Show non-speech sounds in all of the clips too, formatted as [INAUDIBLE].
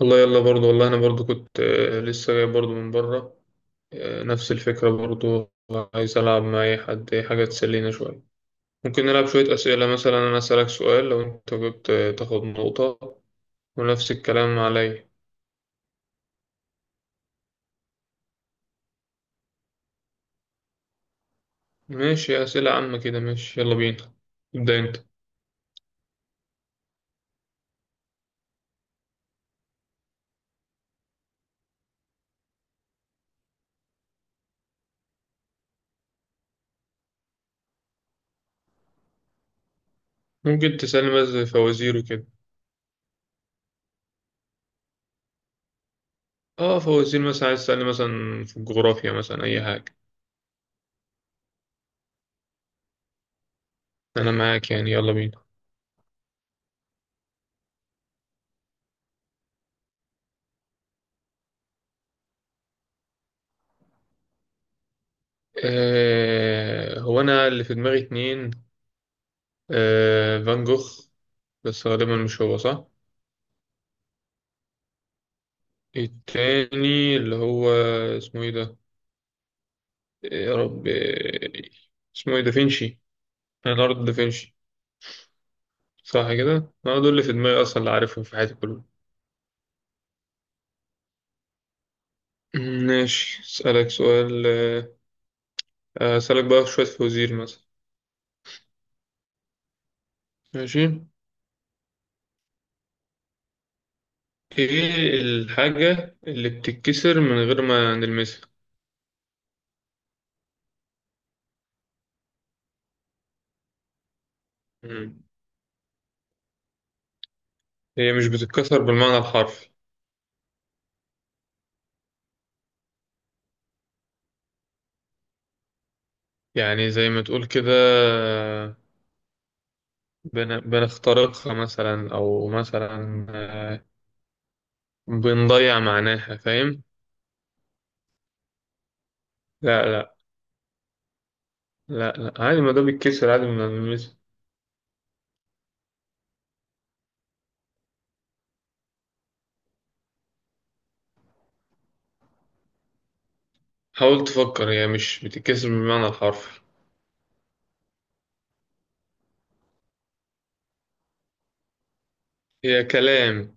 والله، يلا برضو. والله انا برضو كنت لسه جاي برضو من بره. آه، نفس الفكرة برضو. عايز العب مع اي حد، اي حاجة تسلينا شوية. ممكن نلعب شوية اسئلة، مثلا انا اسألك سؤال، لو انت جبت تاخد نقطة. ونفس الكلام عليا. ماشي، اسئلة عامة كده. ماشي يلا بينا. ابدأ انت. ممكن تسألني مثلا فوازير وكده. اه، فوازير مثلا. عايز تسألني مثلا في الجغرافيا مثلا اي حاجة. انا معاك، يعني يلا بينا. هو انا اللي في دماغي اتنين. آه، فان جوخ. بس غالبا مش هو، صح؟ التاني اللي هو اسمه ايه ده؟ يا رب اسمه ايه؟ دافنشي. ليوناردو دافنشي. صح كده. انا دول اللي في دماغي اصلا، اللي عارفهم في حياتي كلهم. ماشي، اسالك سؤال. اسالك بقى شويه فوازير مثلا. ماشي. ايه الحاجه اللي بتتكسر من غير ما نلمسها؟ مم. هي مش بتتكسر بالمعنى الحرفي. يعني زي ما تقول كده، بنخترقها مثلا، او مثلا بنضيع معناها، فاهم؟ لا، لا. لا، لا، عادي، ما ده بيتكسر عادي ما بنلمسه. حاول تفكر، هي مش بتتكسر بالمعنى الحرفي. هي كلام.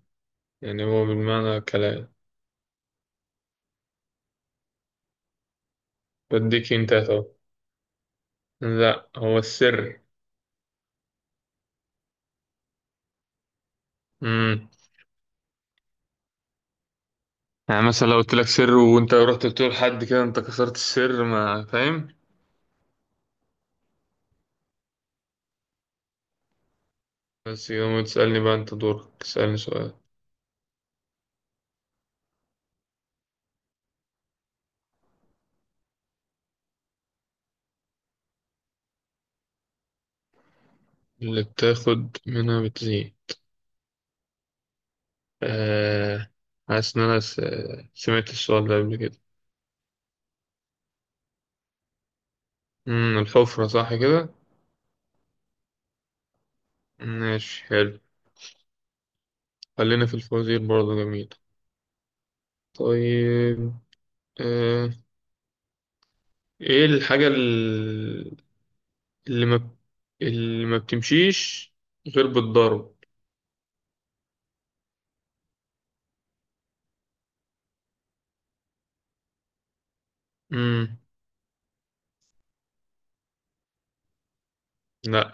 يعني هو بالمعنى كلام. بديك انت اهو. لا، هو السر. امم. يعني مثلا لو قلت لك سر وانت رحت بتقول لحد، كده انت كسرت السر. ما فاهم؟ بس يوم تسألني بقى، انت دورك تسألني سؤال. اللي بتاخد منها بتزيد؟ آه. حاسس إن أنا سمعت السؤال ده قبل كده. الحفرة، صح كده؟ ماشي حلو. خلينا في الفوازير برضه. جميل. طيب. آه إيه الحاجة اللي ما اللي ما بتمشيش غير بالضرب؟ مم. لا.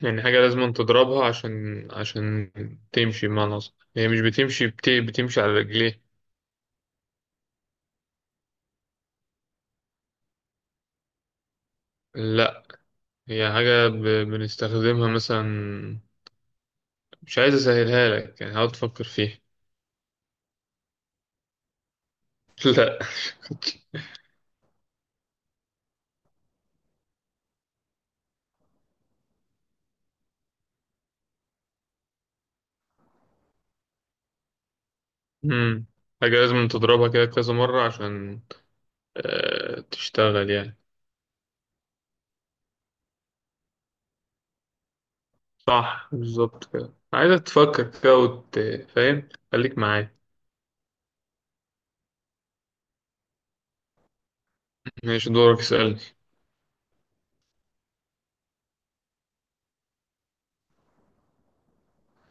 يعني حاجة لازم تضربها عشان تمشي، بمعنى أصح هي مش بتمشي، بتمشي على رجليه. لا. هي حاجة بنستخدمها مثلا. مش عايز اسهلها لك، يعني هقعد تفكر فيها. [LAUGHS] لا. امم. حاجة لازم تضربها كده كذا مرة عشان تشتغل يعني. صح بالظبط كده. عايزك تفكر كده فاهم، خليك معايا. ماشي، دورك اسألني.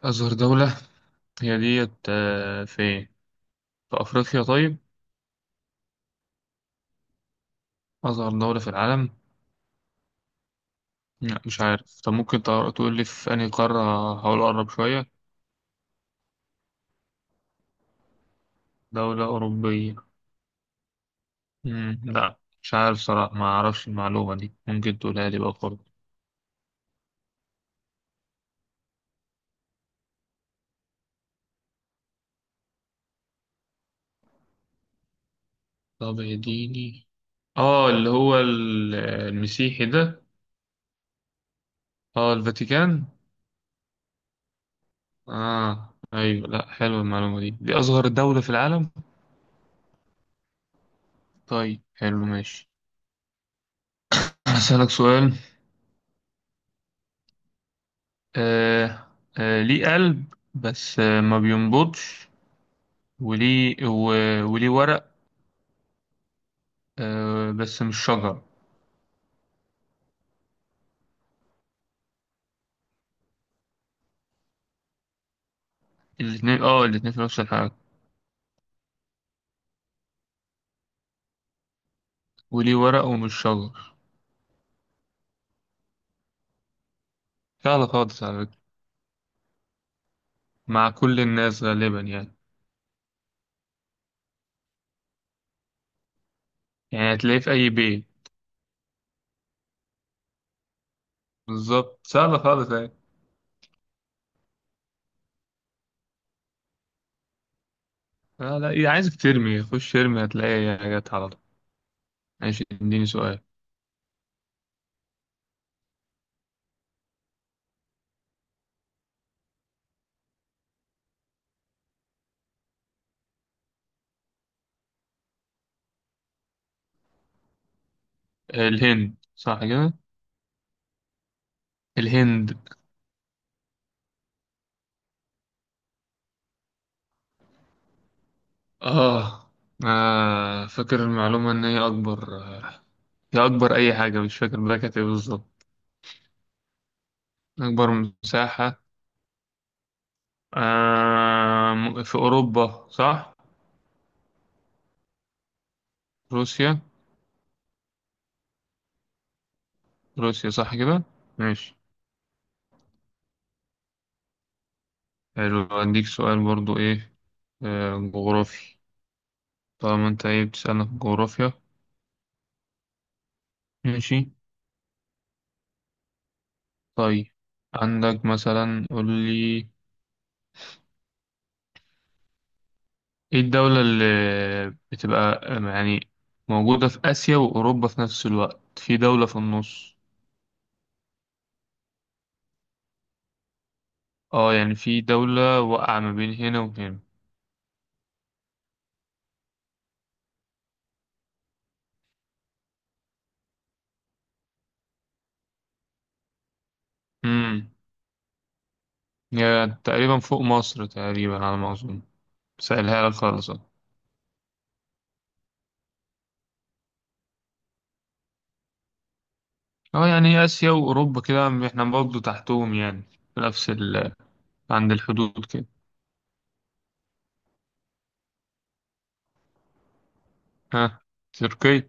أصغر دولة، هي ديت فين؟ في أفريقيا؟ طيب. أصغر دولة في العالم؟ لا مش عارف. طب ممكن تقول لي في أنهي قارة؟ هحاول أقرب شوية. دولة أوروبية؟ مم. لا مش عارف صراحة، ما أعرفش المعلومة دي. ممكن تقولها لي بقى؟ طب اديني. اه، اللي هو المسيحي ده؟ اه، الفاتيكان. اه، ايوه، لا حلوه المعلومه دي. دي اصغر دولة في العالم. طيب حلو ماشي. هسألك سؤال. آه ليه قلب، بس ما بينبضش، وليه ورق، بس مش شجر؟ الاتنين في نفس الحاجة، وليه ورق ومش شجر. سهلة خالص على فكرة. مع كل الناس غالبا يعني. يعني هتلاقيه في أي بيت. بالظبط، سهلة خالص يعني. آه، لا عايزك ترمي. خش ارمي هتلاقي جت على طول. ماشي، اديني سؤال. الهند، صح كده؟ الهند. آه. فاكر المعلومة إن هي أكبر، هي أكبر أي حاجة، مش فاكر بقى كانت إيه بالظبط. أكبر مساحة. في أوروبا صح؟ روسيا. روسيا، صح كده؟ ماشي حلو. أديك سؤال برضو. جغرافي. طالما أنت بتسألنا في الجغرافيا. ماشي. طيب. عندك مثلا، قول لي. ايه الدولة اللي بتبقى يعني موجودة في آسيا وأوروبا في نفس الوقت؟ في دولة في النص. اه، يعني في دولة واقعة ما بين هنا وهنا. امم. هي تقريبا فوق مصر تقريبا على ما أظن. سألها لك خالص، اه. يعني آسيا وأوروبا كده احنا برضه تحتهم يعني، في نفس عند الحدود كده. ها. تركيا؟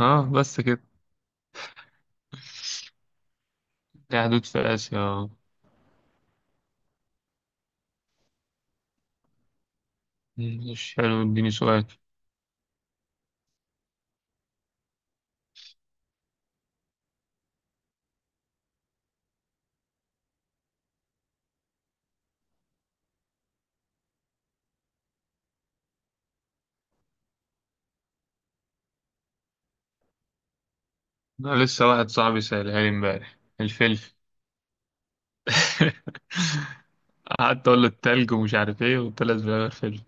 اه، بس كده؟ دي حدود في آسيا، اه. مش حلو، اديني سؤال. أنا لسه واحد صاحبي سألها لي امبارح. الفلفل. [LAUGHS] قعدت اقول له التلج ومش عارف ايه، وطلع في الاخر فيلم.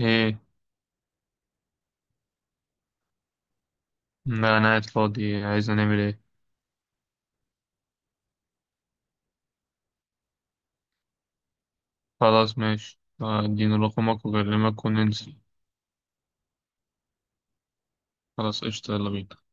ايه؟ لا، انا قاعد فاضي. عايز نعمل ايه؟ خلاص، ماشي. اديني رقمك واكلمك وننزل. خلاص، قشطة، يلا بينا.